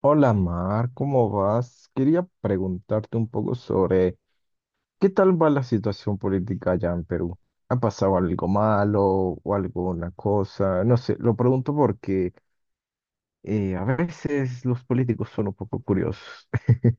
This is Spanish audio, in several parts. Hola Mar, ¿cómo vas? Quería preguntarte un poco sobre qué tal va la situación política allá en Perú. ¿Ha pasado algo malo o alguna cosa? No sé, lo pregunto porque a veces los políticos son un poco curiosos.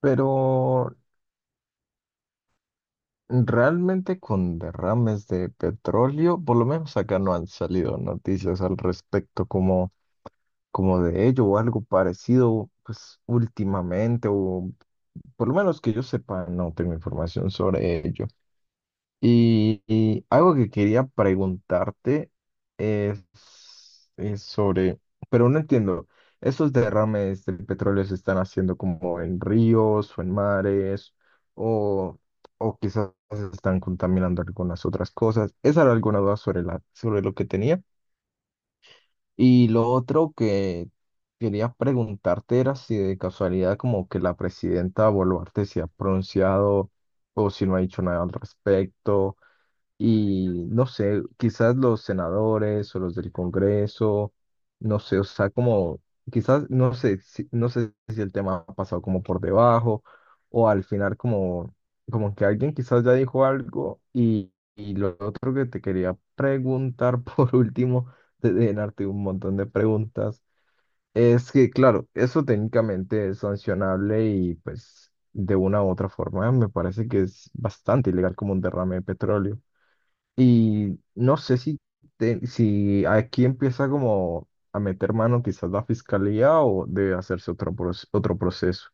Pero realmente con derrames de petróleo, por lo menos acá no han salido noticias al respecto como de ello o algo parecido, pues últimamente, o por lo menos que yo sepa, no tengo información sobre ello. Y algo que quería preguntarte es, es sobre, pero no entiendo, ¿esos derrames del petróleo se están haciendo como en ríos o en mares o, o quizás están contaminando algunas otras cosas? Esa era alguna duda sobre sobre lo que tenía. Y lo otro que quería preguntarte era si de casualidad como que la presidenta Boluarte se ha pronunciado o si no ha dicho nada al respecto y no sé, quizás los senadores o los del Congreso, no sé, o sea, como, quizás, no sé, si, no sé si el tema ha pasado como por debajo o al final como, como que alguien quizás ya dijo algo y lo otro que te quería preguntar por último, de llenarte un montón de preguntas, es que, claro, eso técnicamente es sancionable y pues de una u otra forma me parece que es bastante ilegal como un derrame de petróleo. Y no sé si, si aquí empieza como a meter mano quizás la fiscalía o debe hacerse otro, otro proceso.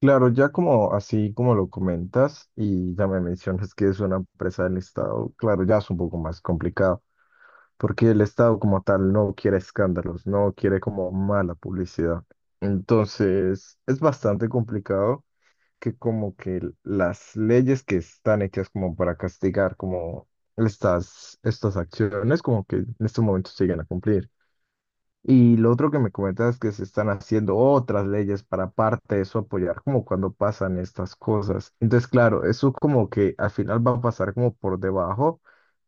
Claro, ya como así como lo comentas y ya me mencionas que es una empresa del Estado, claro, ya es un poco más complicado, porque el Estado como tal no quiere escándalos, no quiere como mala publicidad. Entonces, es bastante complicado. Que como que las leyes que están hechas como para castigar como estas acciones como que en estos momentos siguen a cumplir. Y lo otro que me comentas es que se están haciendo otras leyes para aparte de eso apoyar como cuando pasan estas cosas. Entonces, claro, eso como que al final va a pasar como por debajo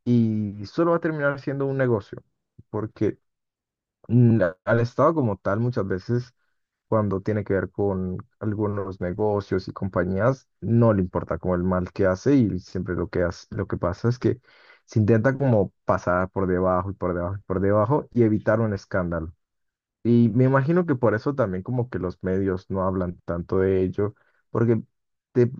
y solo va a terminar siendo un negocio, porque al Estado como tal muchas veces cuando tiene que ver con algunos negocios y compañías, no le importa como el mal que hace y siempre lo que hace, lo que pasa es que se intenta como pasar por debajo y por debajo y por debajo y evitar un escándalo. Y me imagino que por eso también como que los medios no hablan tanto de ello, porque de,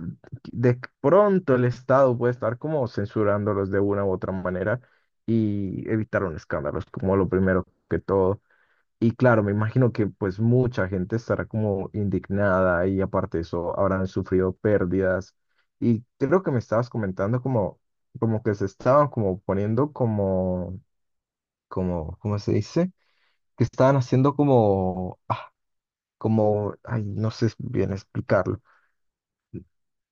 de pronto el Estado puede estar como censurándolos de una u otra manera y evitar un escándalo, es como lo primero que todo. Y claro, me imagino que pues mucha gente estará como indignada y aparte de eso habrán sufrido pérdidas. Y creo que me estabas comentando como que se estaban como poniendo como, como, ¿cómo se dice? Que estaban haciendo como, ah, como, ay, no sé bien explicarlo.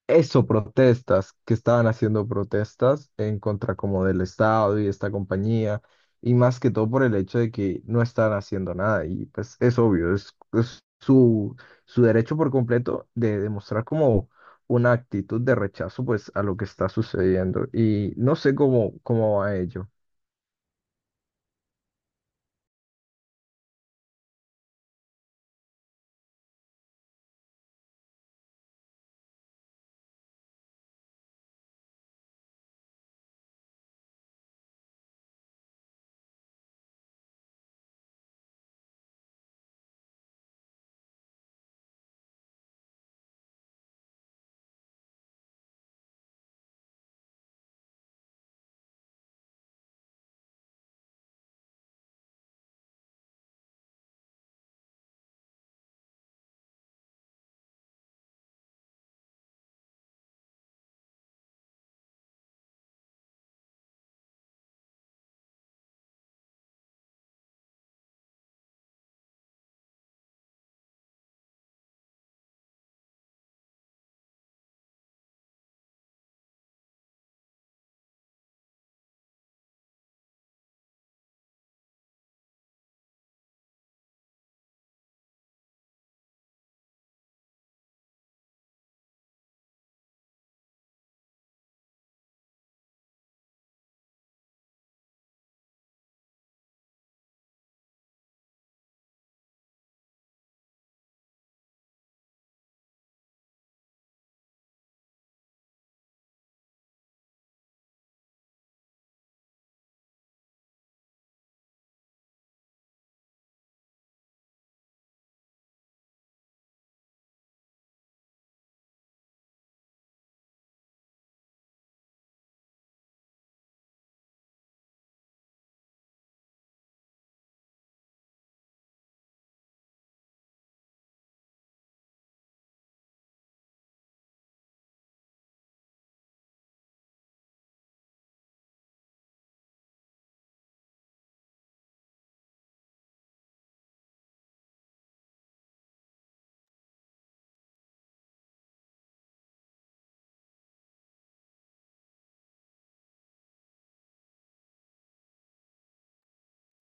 Eso, protestas, que estaban haciendo protestas en contra como del Estado y esta compañía, y más que todo por el hecho de que no estaban haciendo nada, y pues es obvio, es su, su derecho por completo de demostrar como una actitud de rechazo pues a lo que está sucediendo, y no sé cómo, cómo va ello.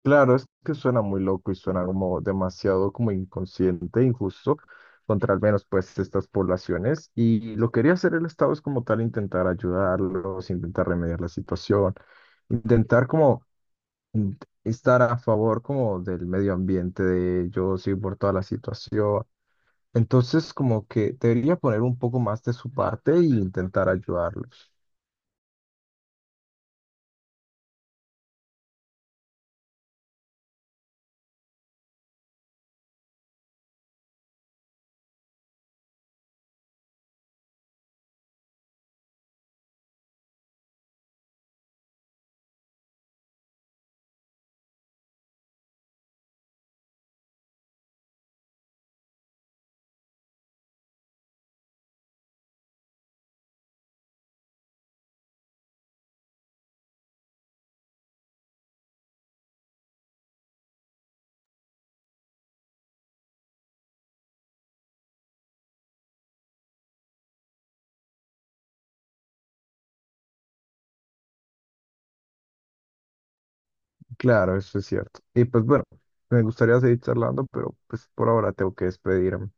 Claro, es que suena muy loco y suena como demasiado como inconsciente, injusto contra al menos pues estas poblaciones. Y lo que quería hacer el Estado es como tal intentar ayudarlos, intentar remediar la situación, intentar como in- estar a favor como del medio ambiente de ellos y por toda la situación. Entonces como que debería poner un poco más de su parte e intentar ayudarlos. Claro, eso es cierto. Y pues bueno, me gustaría seguir charlando, pero pues por ahora tengo que despedirme.